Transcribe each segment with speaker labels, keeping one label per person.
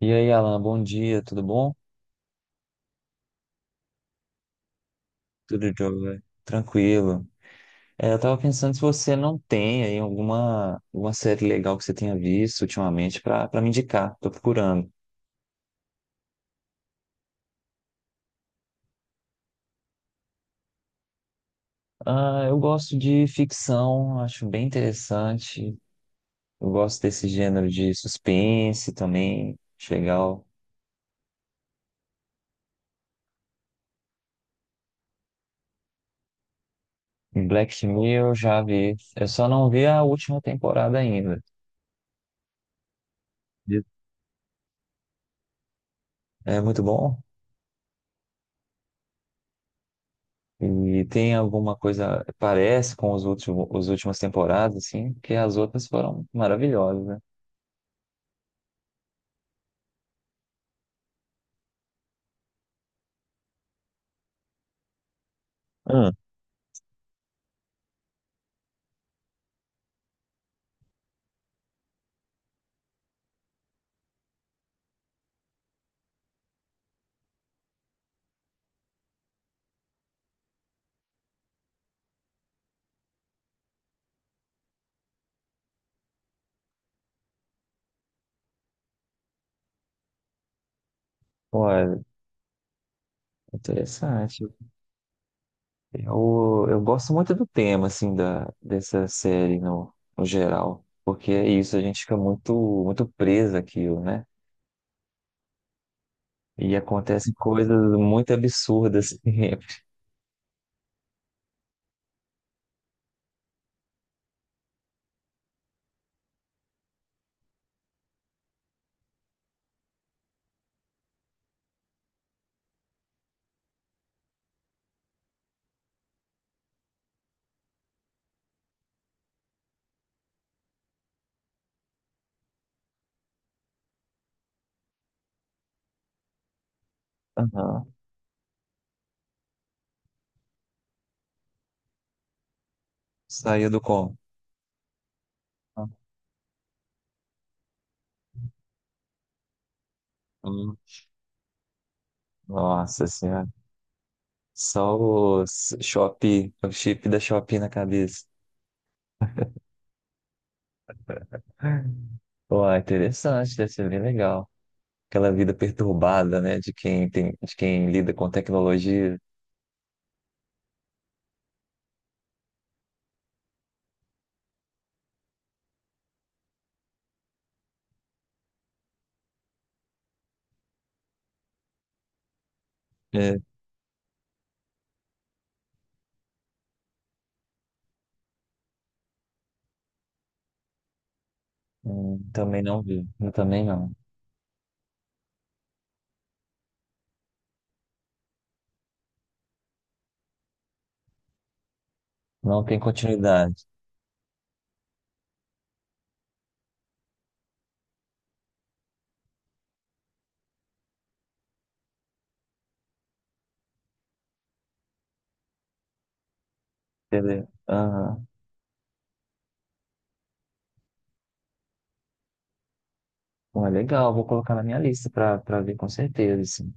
Speaker 1: E aí, Alan, bom dia, tudo bom? Tudo jóia, tranquilo. Eu tava pensando se você não tem aí alguma série legal que você tenha visto ultimamente para me indicar, tô procurando. Ah, eu gosto de ficção, acho bem interessante. Eu gosto desse gênero de suspense também, acho legal. Em Black Mirror eu já vi, eu só não vi a última temporada ainda. De- É muito bom? E tem alguma coisa, parece com os últimas temporadas, assim, que as outras foram maravilhosas, né? Ah, olha, interessante. Eu gosto muito do tema, assim, dessa série no geral, porque é isso, a gente fica muito preso àquilo, né? E acontecem coisas muito absurdas, assim, aham. Saiu do como. Hum, Nossa senhora, só o Shopee, o chip da Shopee na cabeça. Pô, é interessante, deve ser bem legal. Aquela vida perturbada, né, de quem tem, de quem lida com tecnologia. É. Também não vi, eu também não. Não tem continuidade. Entendeu? Aham. Bom, é legal, vou colocar na minha lista para ver com certeza, assim.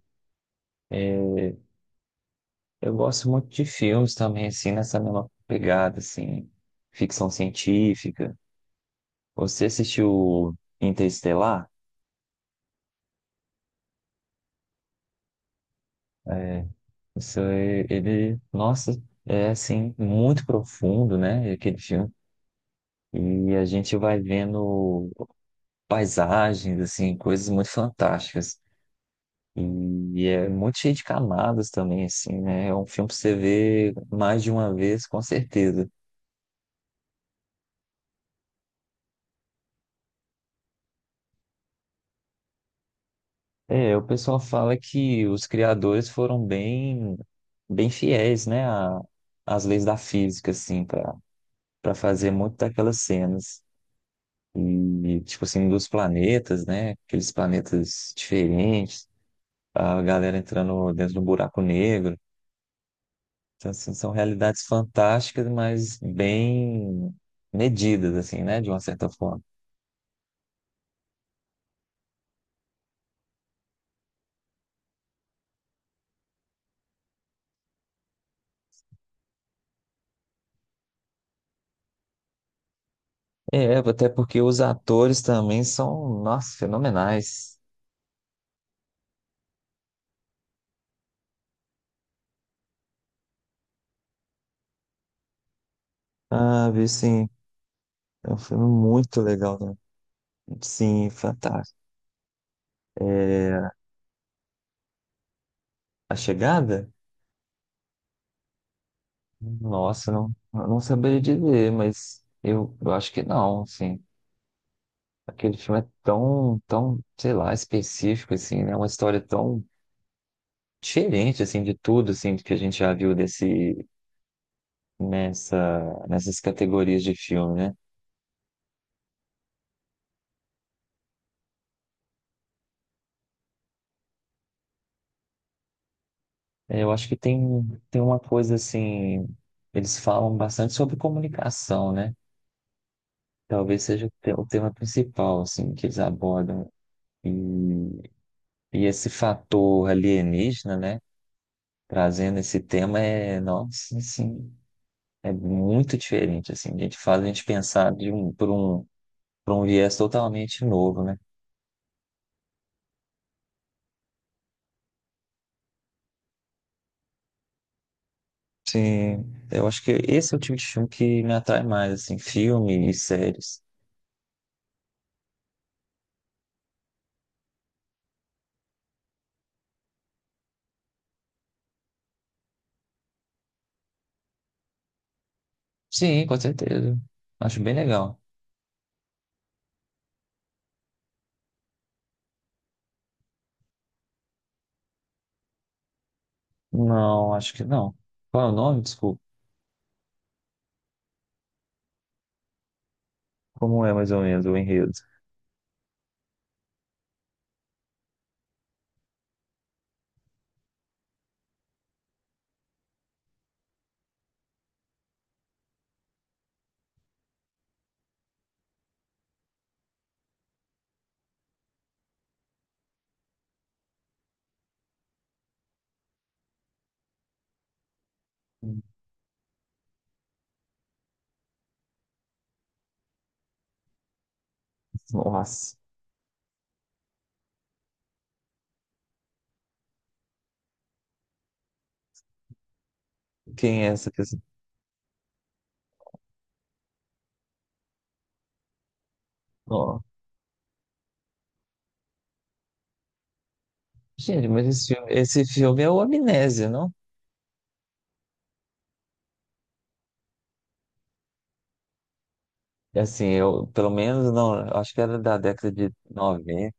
Speaker 1: Eu gosto muito de filmes também, assim, nessa mesma pegada, assim, ficção científica. Você assistiu Interestelar? É, isso, ele, nossa, é assim, muito profundo, né? Aquele filme. E a gente vai vendo paisagens, assim, coisas muito fantásticas. E é muito cheio de camadas também, assim, né? É um filme que você vê mais de uma vez, com certeza. É, o pessoal fala que os criadores foram bem fiéis, né, às leis da física, assim, para fazer muito daquelas cenas. E, tipo assim, dos planetas, né? Aqueles planetas diferentes, a galera entrando dentro do buraco negro. Então, assim, são realidades fantásticas, mas bem medidas, assim, né? De uma certa forma. É, até porque os atores também são, nossa, fenomenais. Sabe, assim, é um filme muito legal, né? Sim, fantástico. É, A Chegada? Nossa, não, eu não saberia dizer, mas eu acho que não, assim. Aquele filme é tão, sei lá, específico, assim, né? Uma história tão diferente, assim, de tudo, assim, que a gente já viu desse nessa, nessas categorias de filme, né? É, eu acho que tem uma coisa assim, eles falam bastante sobre comunicação, né? Talvez seja o o tema principal, assim, que eles abordam. E, e esse fator alienígena, né? Trazendo esse tema é, nossa, assim, é muito diferente, assim. A gente faz a gente pensar por um viés totalmente novo, né? Sim, eu acho que esse é o tipo de filme que me atrai mais, assim, filme e séries. Sim, com certeza. Acho bem legal. Não, acho que não. Qual é o nome? Desculpa. Como é mais ou menos o enredo? Nossa, quem é essa pessoa? Ó, gente, mas esse filme é o Amnésia, não? É assim, eu, pelo menos, não, eu acho que era da década de noventa.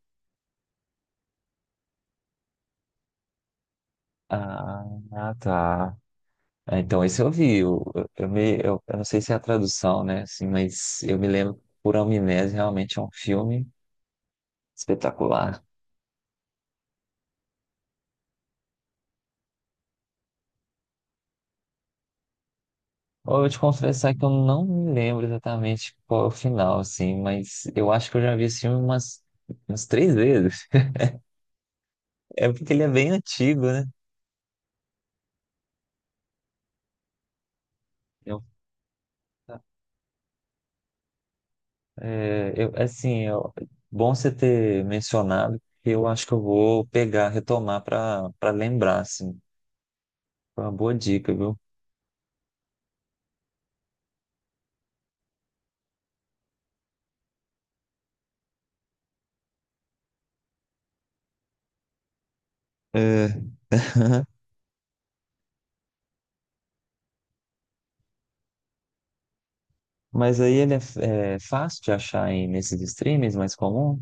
Speaker 1: Ah, ah, tá. É, então, esse eu vi. Eu não sei se é a tradução, né? Assim, mas eu me lembro por Amnésia, realmente é um filme espetacular. Eu vou te confessar que eu não me lembro exatamente qual é o final, assim, mas eu acho que eu já vi esse filme umas três vezes. É porque ele é bem antigo, né? Eu, é, eu- assim, eu- Bom você ter mencionado, que eu acho que eu vou pegar, retomar para lembrar, assim. Foi uma boa dica, viu? É. Mas aí ele é fácil de achar aí nesses streams mais comum?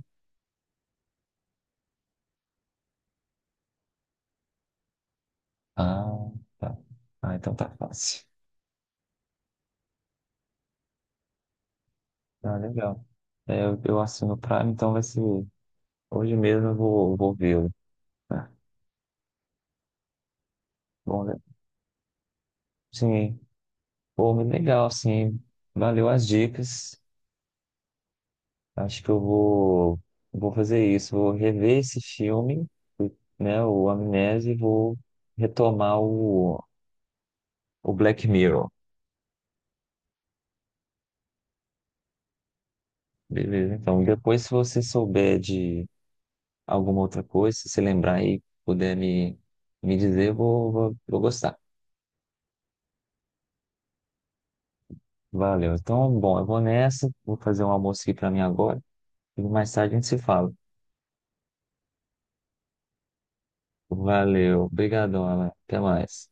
Speaker 1: Ah, tá. Ah, então tá fácil. Ah, legal. É, eu assino o Prime, então vai ser. Hoje mesmo eu vou vê-lo. Né? Bom, né? Sim. Pô, muito legal, sim. Valeu as dicas. Acho que vou fazer isso. Vou rever esse filme, né? O Amnésia, e vou retomar o Black Mirror. Beleza? Então, depois, se você souber de alguma outra coisa, se você lembrar aí, puder me dizer, eu vou gostar. Valeu. Então, bom, eu vou nessa. Vou fazer um almoço aqui para mim agora. E mais tarde a gente se fala. Valeu. Obrigadão, Alan. Até mais.